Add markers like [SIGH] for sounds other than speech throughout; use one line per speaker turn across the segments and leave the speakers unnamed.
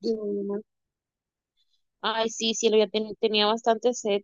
De una. Ay, sí, cielo, ya tenía bastante sed.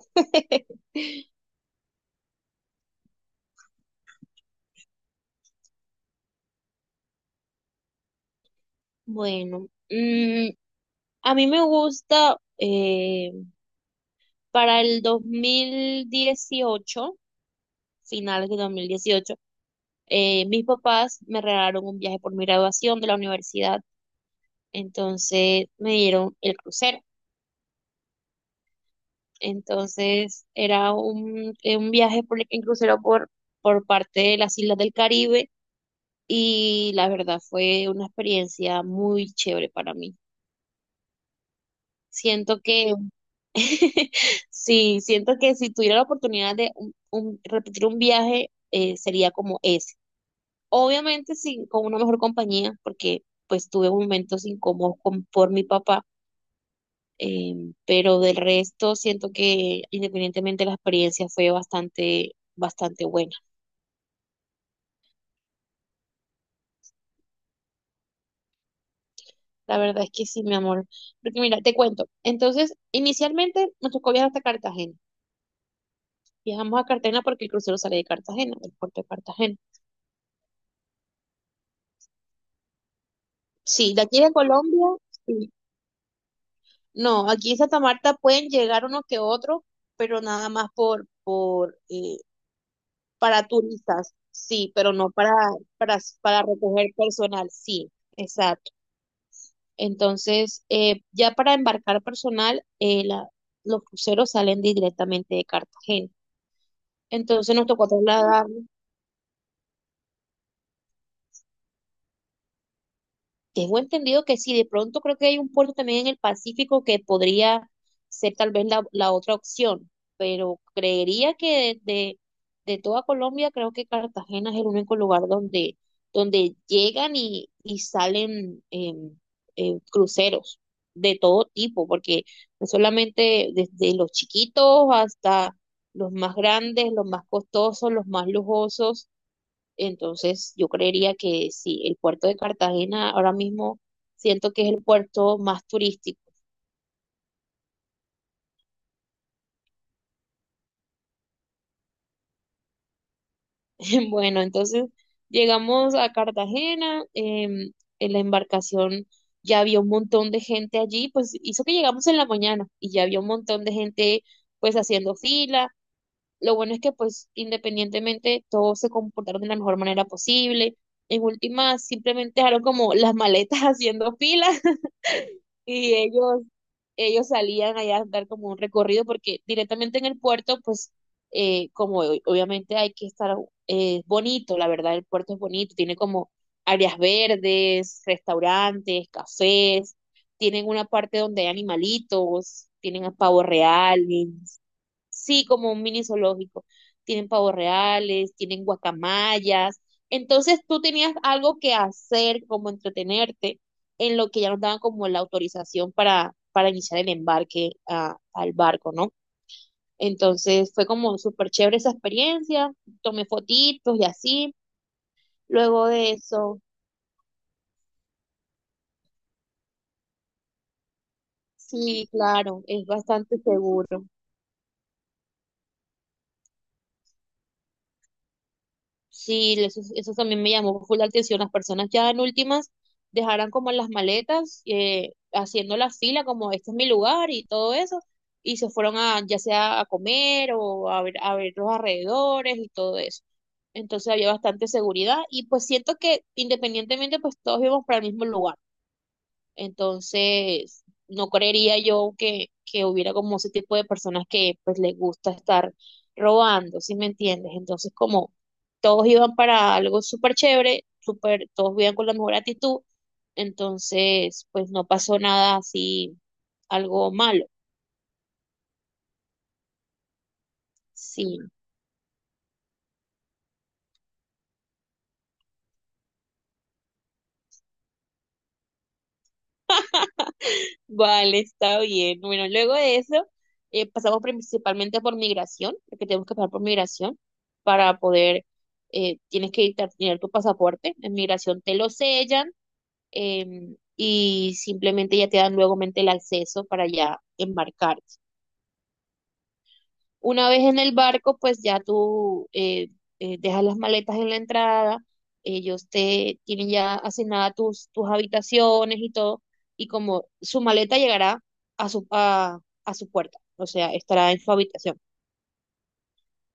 [LAUGHS] Bueno, a mí me gusta para el 2018, finales de 2018, mis papás me regalaron un viaje por mi graduación de la universidad, entonces me dieron el crucero. Entonces era un viaje en crucero por parte de las Islas del Caribe, y la verdad fue una experiencia muy chévere para mí. Siento que, [LAUGHS] sí, siento que si tuviera la oportunidad de repetir un viaje, sería como ese. Obviamente sí, con una mejor compañía, porque pues tuve momentos incómodos por mi papá, eh, pero del resto siento que independientemente la experiencia fue bastante, bastante buena. La verdad es que sí, mi amor. Porque mira, te cuento. Entonces, inicialmente nos tocó viajar hasta Cartagena. Viajamos a Cartagena porque el crucero sale de Cartagena, del puerto de Cartagena. Sí, de aquí de Colombia, sí. No, aquí en Santa Marta pueden llegar unos que otros, pero nada más para turistas, sí, pero no para, para recoger personal, sí, exacto. Entonces, ya para embarcar personal, los cruceros salen directamente de Cartagena. Entonces nos tocó trasladar. Tengo entendido que sí, de pronto creo que hay un puerto también en el Pacífico que podría ser tal vez la otra opción, pero creería de toda Colombia creo que Cartagena es el único lugar donde, donde llegan y salen cruceros de todo tipo, porque no solamente desde los chiquitos hasta los más grandes, los más costosos, los más lujosos. Entonces, yo creería que sí, el puerto de Cartagena ahora mismo siento que es el puerto más turístico. [LAUGHS] Bueno, entonces llegamos a Cartagena, en la embarcación ya había un montón de gente allí, pues hizo que llegamos en la mañana y ya había un montón de gente pues haciendo fila. Lo bueno es que pues independientemente todos se comportaron de la mejor manera posible. En última, simplemente dejaron como las maletas [LAUGHS] haciendo fila, y ellos salían allá a dar como un recorrido porque directamente en el puerto, pues obviamente hay que estar bonito, la verdad el puerto es bonito, tiene como áreas verdes, restaurantes, cafés, tienen una parte donde hay animalitos, tienen a pavos reales. Sí, como un mini zoológico. Tienen pavos reales, tienen guacamayas. Entonces tú tenías algo que hacer, como entretenerte, en lo que ya nos daban como la autorización para iniciar el embarque al barco, ¿no? Entonces fue como súper chévere esa experiencia. Tomé fotitos y así. Luego de eso, sí, claro, es bastante seguro. Sí, eso también me llamó full la atención. Las personas ya en últimas dejaran como las maletas, haciendo la fila como este es mi lugar y todo eso, y se fueron a ya sea a comer o a ver los alrededores y todo eso. Entonces había bastante seguridad y pues siento que independientemente pues todos íbamos para el mismo lugar. Entonces, no creería yo que hubiera como ese tipo de personas que pues les gusta estar robando, ¿sí me entiendes? Entonces, como todos iban para algo súper chévere, súper, todos iban con la mejor actitud, entonces, pues no pasó nada así, algo malo, sí. Vale, está bien. Bueno, luego de eso, pasamos principalmente por migración, porque tenemos que pasar por migración para poder, tener tu pasaporte. En migración te lo sellan, y simplemente ya te dan luego el acceso para ya embarcar. Una vez en el barco, pues ya tú dejas las maletas en la entrada, ellos te tienen ya asignadas tus habitaciones y todo, y como su maleta llegará a a su puerta, o sea, estará en su habitación.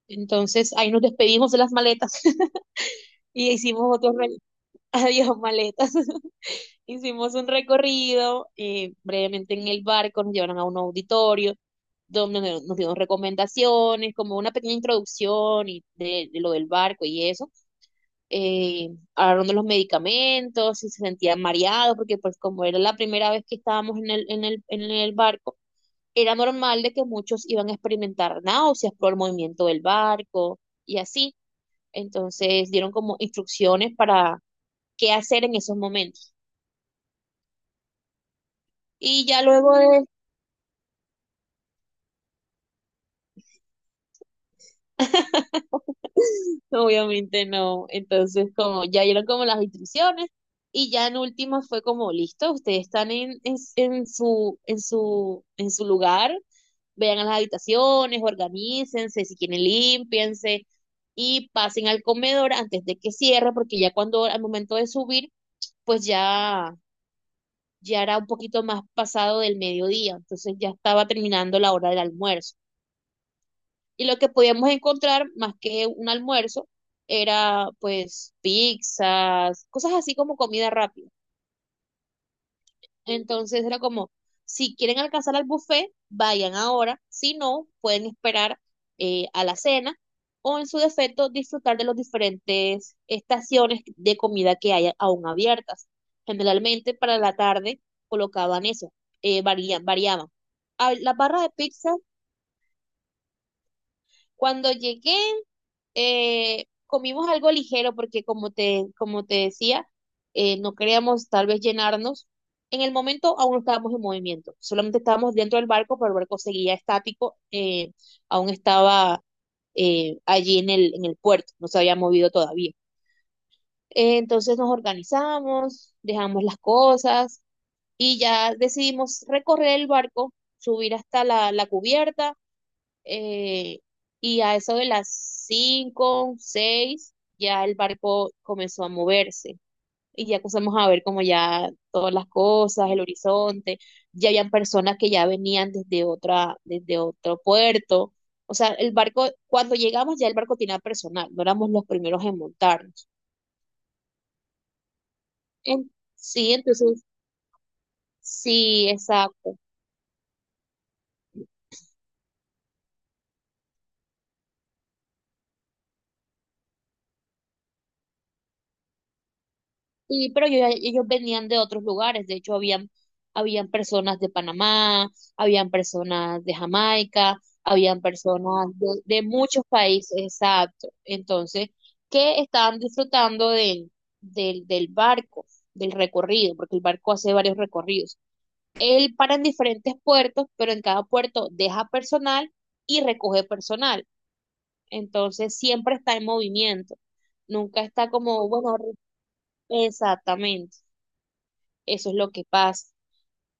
Entonces ahí nos despedimos de las maletas. [LAUGHS] y hicimos otro re- [LAUGHS] Adiós, maletas. Hicimos un recorrido, brevemente en el barco, nos llevaron a un auditorio donde nos dieron recomendaciones, como una pequeña introducción y de lo del barco y eso. Eh, hablaron de los medicamentos, si se sentían mareados, porque pues como era la primera vez que estábamos en el barco, era normal de que muchos iban a experimentar náuseas por el movimiento del barco y así. Entonces dieron como instrucciones para qué hacer en esos momentos. Y ya luego de... Obviamente no. Entonces, como ya dieron como las instrucciones y ya en último fue como, listo, ustedes están en su lugar, vean a las habitaciones, organícense, si quieren límpiense y pasen al comedor antes de que cierre, porque ya cuando al momento de subir, pues ya, ya era un poquito más pasado del mediodía, entonces ya estaba terminando la hora del almuerzo. Y lo que podíamos encontrar, más que un almuerzo, era pues pizzas, cosas así como comida rápida. Entonces era como, si quieren alcanzar al buffet, vayan ahora, si no, pueden esperar a la cena o en su defecto disfrutar de las diferentes estaciones de comida que hay aún abiertas. Generalmente para la tarde colocaban eso, variaban. La barra de pizza, cuando llegué. Comimos algo ligero porque como te decía, no queríamos tal vez llenarnos. En el momento aún no estábamos en movimiento, solamente estábamos dentro del barco, pero el barco seguía estático, aún estaba allí en el puerto, no se había movido todavía. Entonces nos organizamos, dejamos las cosas y ya decidimos recorrer el barco, subir hasta la cubierta, eh, y a eso de las cinco, seis, ya el barco comenzó a moverse y ya comenzamos a ver como ya todas las cosas, el horizonte, ya habían personas que ya venían desde desde otro puerto. O sea, el barco, cuando llegamos ya el barco tenía personal, no éramos los primeros en montarnos. Sí, entonces, sí, exacto. Sí, pero ellos venían de otros lugares, de hecho habían personas de Panamá, habían personas de Jamaica, habían personas de muchos países, exacto, entonces, que estaban disfrutando del barco, del recorrido, porque el barco hace varios recorridos. Él para en diferentes puertos, pero en cada puerto deja personal y recoge personal, entonces siempre está en movimiento, nunca está como, bueno, exactamente eso es lo que pasa.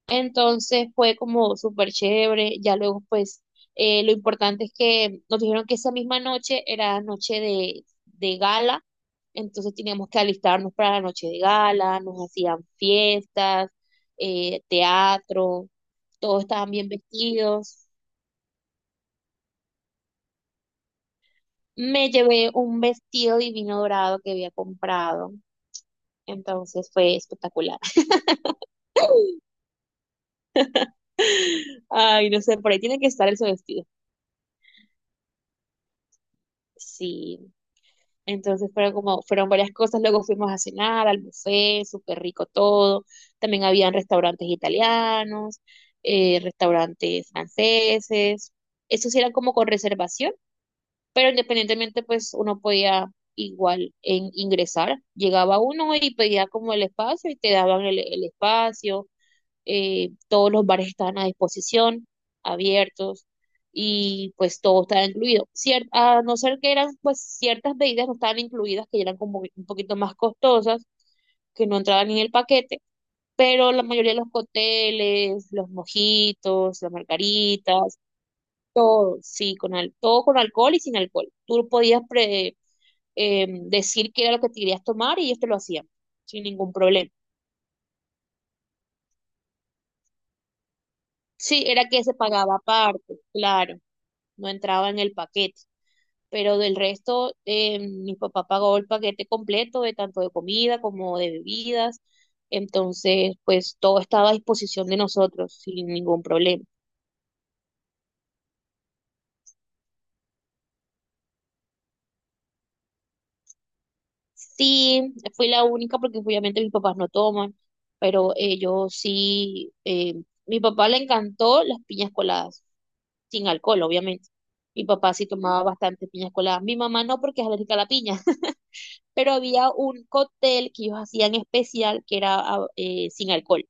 Entonces fue como súper chévere, ya luego pues lo importante es que nos dijeron que esa misma noche era noche de gala, entonces teníamos que alistarnos para la noche de gala, nos hacían fiestas, teatro, todos estaban bien vestidos. Me llevé un vestido divino dorado que había comprado, entonces fue espectacular. [LAUGHS] Ay, no sé, por ahí tiene que estar ese vestido. Sí. Entonces fueron como, fueron varias cosas, luego fuimos a cenar al buffet, súper rico todo, también habían restaurantes italianos, restaurantes franceses, esos eran como con reservación, pero independientemente pues uno podía ingresar, llegaba uno y pedía como el espacio y te daban el espacio, todos los bares estaban a disposición, abiertos, y pues todo estaba incluido. A no ser que eran, pues ciertas bebidas no estaban incluidas, que eran como un poquito más costosas, que no entraban en el paquete, pero la mayoría de los cócteles, los mojitos, las margaritas, todo, sí, todo con alcohol y sin alcohol. Tú podías decir qué era lo que te querías tomar y ellos te lo hacían, sin ningún problema. Sí, era que se pagaba aparte, claro. No entraba en el paquete. Pero del resto, mi papá pagó el paquete completo de tanto de comida como de bebidas. Entonces, pues todo estaba a disposición de nosotros sin ningún problema. Sí, fui la única porque obviamente mis papás no toman, pero ellos sí, mi papá le encantó las piñas coladas, sin alcohol, obviamente. Mi papá sí tomaba bastante piñas coladas. Mi mamá no porque es alérgica a la piña. Pero había un cóctel que ellos hacían especial que era sin alcohol,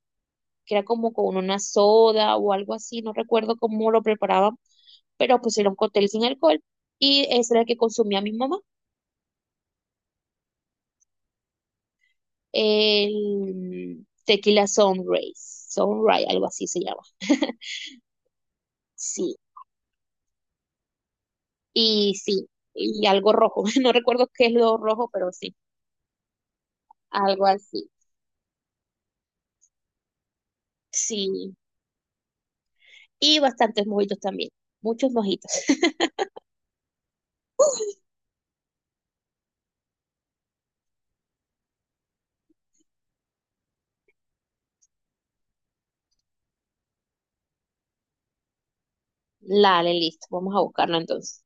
que era como con una soda o algo así, no recuerdo cómo lo preparaban, pero pues era un cóctel sin alcohol y ese era el que consumía mi mamá, el tequila sunrise, sunrise, algo así se llama. [LAUGHS] Sí, y sí, y algo rojo, [LAUGHS] no recuerdo qué es lo rojo, pero sí, algo así. Sí, y bastantes mojitos también, muchos mojitos. [LAUGHS] Dale, listo, vamos a buscarlo entonces.